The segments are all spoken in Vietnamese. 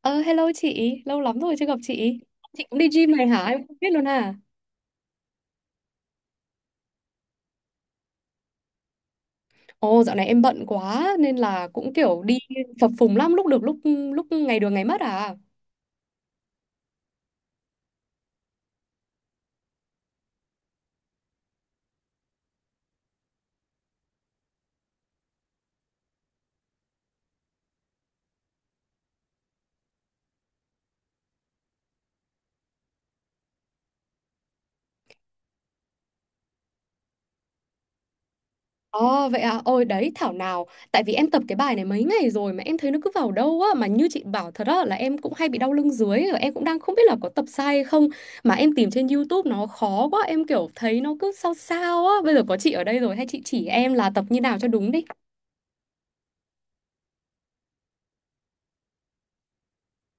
Ờ, hello chị, lâu lắm rồi chưa gặp chị. Chị cũng đi gym này hả? Em không biết luôn à. Ồ, dạo này em bận quá nên là cũng kiểu đi phập phùng lắm, lúc được lúc lúc ngày được ngày mất à. Ồ vậy à, ôi đấy thảo nào. Tại vì em tập cái bài này mấy ngày rồi mà em thấy nó cứ vào đâu á, mà như chị bảo thật á, là em cũng hay bị đau lưng dưới và em cũng đang không biết là có tập sai hay không, mà em tìm trên YouTube nó khó quá, em kiểu thấy nó cứ sao sao á. Bây giờ có chị ở đây rồi hay chị chỉ em là tập như nào cho đúng đi.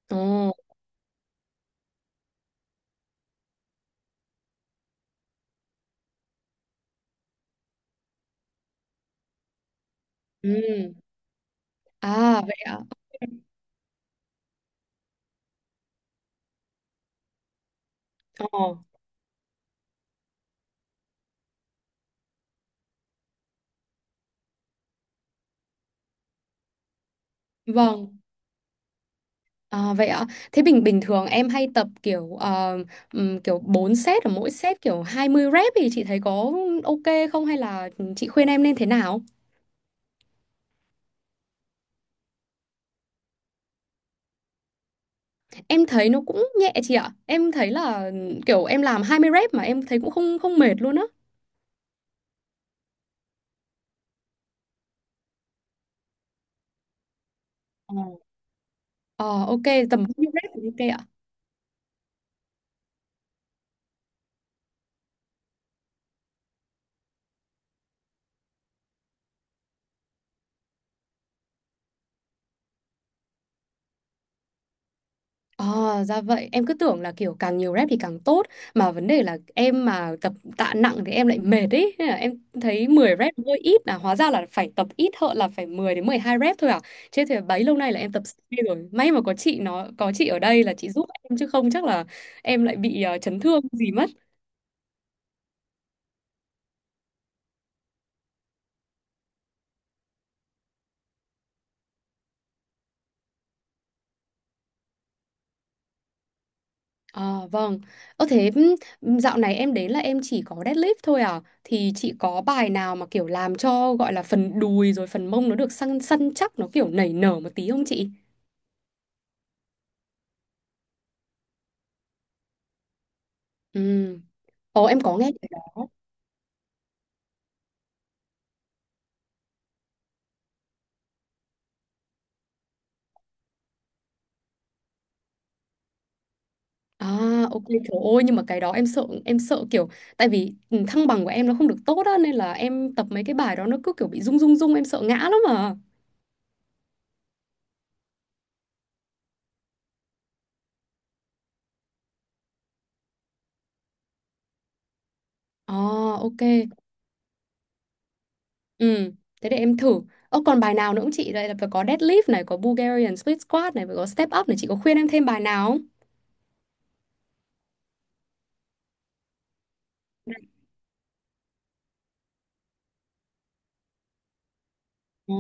Ồ, ừ. À vậy ạ. Ờ. Vâng, à, vậy ạ. Thế bình bình thường em hay tập kiểu kiểu 4 set, ở mỗi set kiểu 20 rep thì chị thấy có ok không, hay là chị khuyên em nên thế nào? Em thấy nó cũng nhẹ chị ạ. Em thấy là kiểu em làm 20 rep mà em thấy cũng không không mệt luôn á. Ờ. Ờ, ok, tầm bao nhiêu rep thì ok ạ? Ờ, ra vậy. Em cứ tưởng là kiểu càng nhiều rep thì càng tốt. Mà vấn đề là em mà tập tạ nặng thì em lại mệt ấy. Nên là em thấy 10 rep hơi ít, là hóa ra là phải tập ít hơn, là phải 10 đến 12 rep thôi à. Chứ thì bấy lâu nay là em tập C rồi. May mà có chị nó có chị ở đây là chị giúp em, chứ không chắc là em lại bị chấn thương gì mất. À, vâng. Ơ thế dạo này em đến là em chỉ có deadlift thôi à? Thì chị có bài nào mà kiểu làm cho gọi là phần đùi rồi phần mông nó được săn săn chắc, nó kiểu nảy nở một tí không chị? Ừ. Ồ em có nghe cái đó. À ok, trời ơi, nhưng mà cái đó em sợ kiểu, tại vì thăng bằng của em nó không được tốt á, nên là em tập mấy cái bài đó nó cứ kiểu bị rung rung rung, em sợ ngã lắm mà. À. Ờ, ok. Ừ, thế để em thử. Ơ còn bài nào nữa không chị? Đây là phải có deadlift này, có Bulgarian split squat này, phải có step up này, chị có khuyên em thêm bài nào không? Ồ.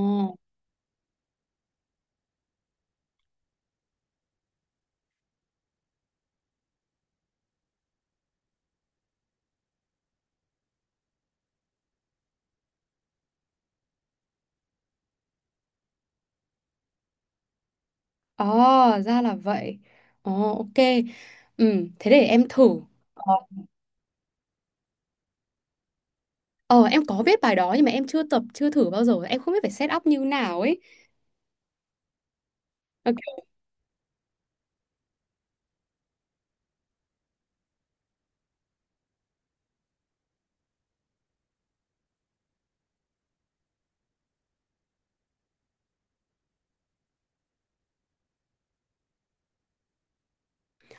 Ờ, ra là vậy. Ồ ok. Ừ, thế để em thử. Ờ. Ờ, em có biết bài đó nhưng mà em chưa tập, chưa thử bao giờ, em không biết phải set up như nào ấy. Ok.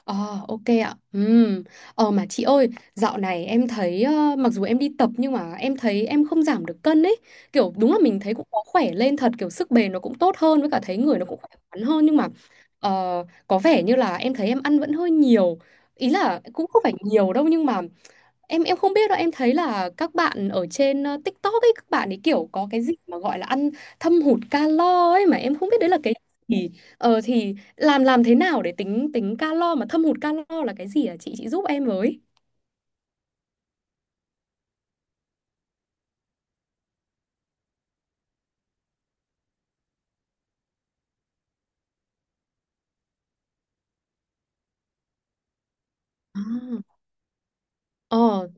Ờ, ok ạ. Ừm. Ờ mà chị ơi, dạo này em thấy mặc dù em đi tập nhưng mà em thấy em không giảm được cân ấy. Kiểu đúng là mình thấy cũng có khỏe lên thật, kiểu sức bền nó cũng tốt hơn, với cả thấy người nó cũng khỏe khoắn hơn, nhưng mà ờ, có vẻ như là em thấy em ăn vẫn hơi nhiều. Ý là cũng không phải nhiều đâu nhưng mà em không biết đâu, em thấy là các bạn ở trên TikTok ấy, các bạn ấy kiểu có cái gì mà gọi là ăn thâm hụt calo ấy, mà em không biết đấy là cái gì. Ờ, thì làm thế nào để tính tính calo, mà thâm hụt calo là cái gì à, chị giúp em với. À. Ờ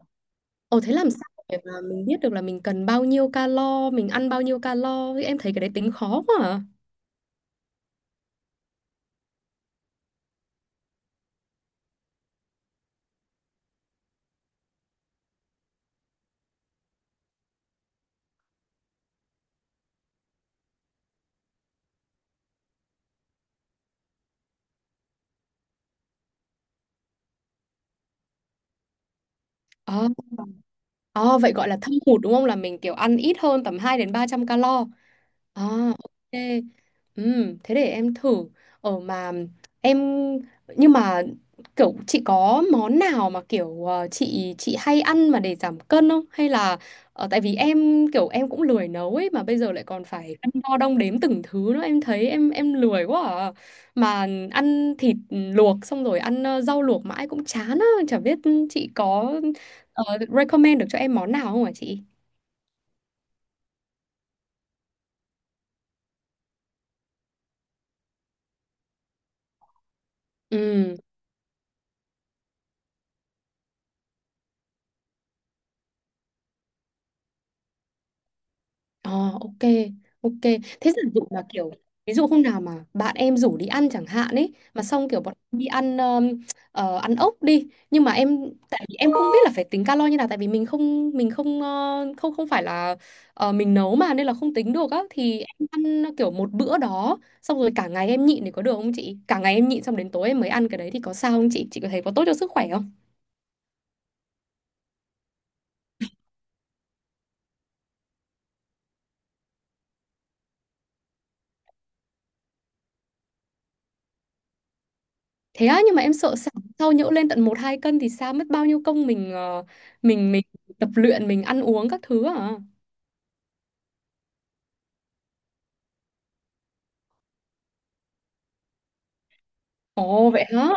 ờ thế làm sao để mà mình biết được là mình cần bao nhiêu calo, mình ăn bao nhiêu calo, em thấy cái đấy tính khó quá. À. Ờ, ờ, vậy gọi là thâm hụt đúng không? Là mình kiểu ăn ít hơn tầm 200 đến 300 calo. À, ok. Thế để em thử. Ở mà em nhưng mà kiểu chị có món nào mà kiểu chị hay ăn mà để giảm cân không? Hay là tại vì em kiểu em cũng lười nấu ấy, mà bây giờ lại còn phải cân đo đong đếm từng thứ nữa, em thấy em lười quá à. Mà ăn thịt luộc xong rồi ăn rau luộc mãi cũng chán á, chả biết chị có ờ, recommend được cho em món nào không hả chị? Ừ. Ờ, ok, ok. Thế giả dụ mà kiểu ví dụ hôm nào mà bạn em rủ đi ăn chẳng hạn ấy, mà xong kiểu bọn em đi ăn ăn ốc đi, nhưng mà em, tại vì em không biết là phải tính calo như nào, tại vì mình không không không phải là mình nấu mà, nên là không tính được á, thì em ăn kiểu một bữa đó xong rồi cả ngày em nhịn thì có được không chị? Cả ngày em nhịn xong đến tối em mới ăn cái đấy thì có sao không chị? Chị có thấy có tốt cho sức khỏe không? Thế á, nhưng mà em sợ sau, sau nhỡ lên tận một hai cân thì sao, mất bao nhiêu công mình mình tập luyện, mình ăn uống các thứ à? Ồ vậy hả?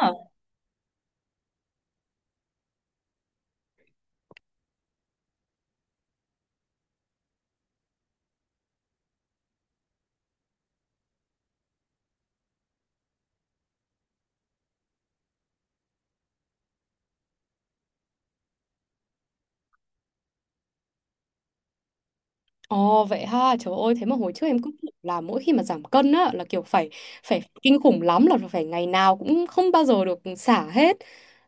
Ồ vậy ha. Trời ơi, thế mà hồi trước em cứ tưởng là mỗi khi mà giảm cân á là kiểu phải, phải kinh khủng lắm, là phải ngày nào cũng không bao giờ được xả hết.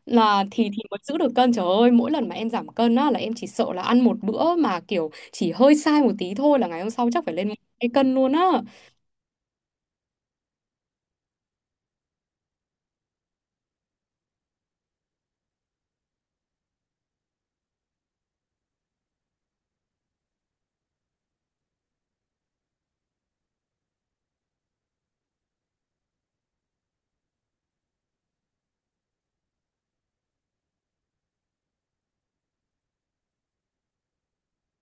Là thì mới giữ được cân. Trời ơi, mỗi lần mà em giảm cân á là em chỉ sợ là ăn một bữa mà kiểu chỉ hơi sai một tí thôi là ngày hôm sau chắc phải lên 2 cân luôn á.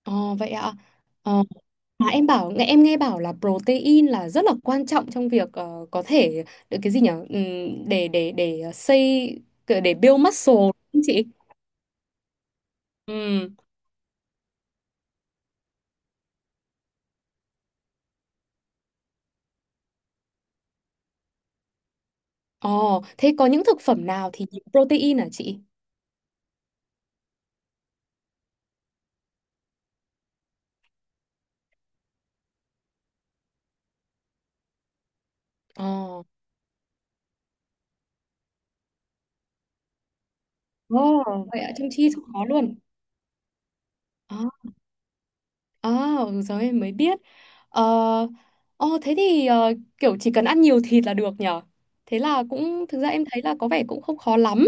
Ồ vậy ạ. Ờ. Mà em nghe bảo là protein là rất là quan trọng trong việc có thể được cái gì nhỉ? Để build muscle đúng không chị? Ừ. Ồ, thế có những thực phẩm nào thì nhiều protein hả chị? Ồ. Ồ, vậy ạ, trong chi không có luôn. Ờ. À, ừ, giờ em mới biết. Ờ, ồ, thế thì kiểu chỉ cần ăn nhiều thịt là được nhở? Thế là cũng thực ra em thấy là có vẻ cũng không khó lắm.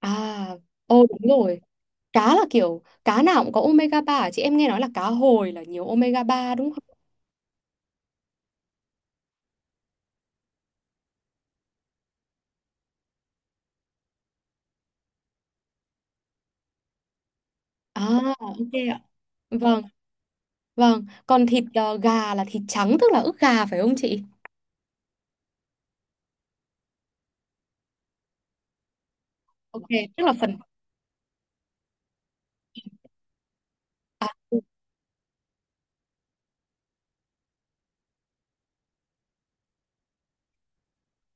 À, ồ đúng rồi. Cá là kiểu cá nào cũng có omega 3 à? Chị em nghe nói là cá hồi là nhiều omega 3 đúng không? À ok ạ. Vâng, vâng. Còn thịt gà là thịt trắng tức là ức gà phải không chị? Ok, tức là phần. À.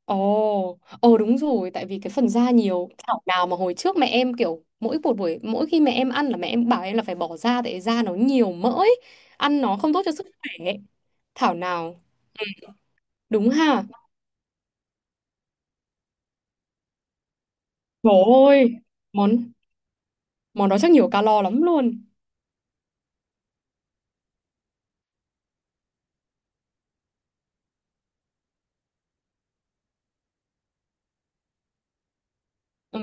Ồ, ồ đúng rồi, tại vì cái phần da nhiều, thảo nào mà hồi trước mẹ em kiểu mỗi một buổi mỗi khi mẹ em ăn là mẹ em bảo em là phải bỏ da, tại da nó nhiều mỡ ấy. Ăn nó không tốt cho sức khỏe ấy. Thảo nào, đúng ha. Trời ơi, món món đó chắc nhiều calo lắm luôn. Ừ.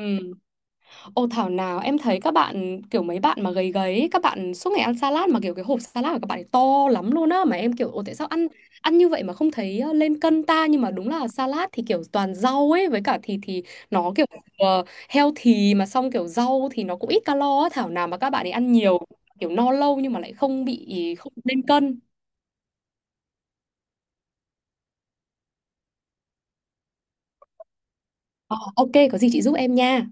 Ô thảo nào em thấy các bạn kiểu mấy bạn mà gầy gầy ấy, các bạn suốt ngày ăn salad mà kiểu cái hộp salad của các bạn ấy to lắm luôn á, mà em kiểu ồ tại sao ăn ăn như vậy mà không thấy lên cân ta, nhưng mà đúng là salad thì kiểu toàn rau ấy với cả thịt thì nó kiểu healthy mà, xong kiểu rau thì nó cũng ít calo á, thảo nào mà các bạn ấy ăn nhiều kiểu no lâu nhưng mà lại không bị, không lên cân. Ờ, ok có gì chị giúp em nha.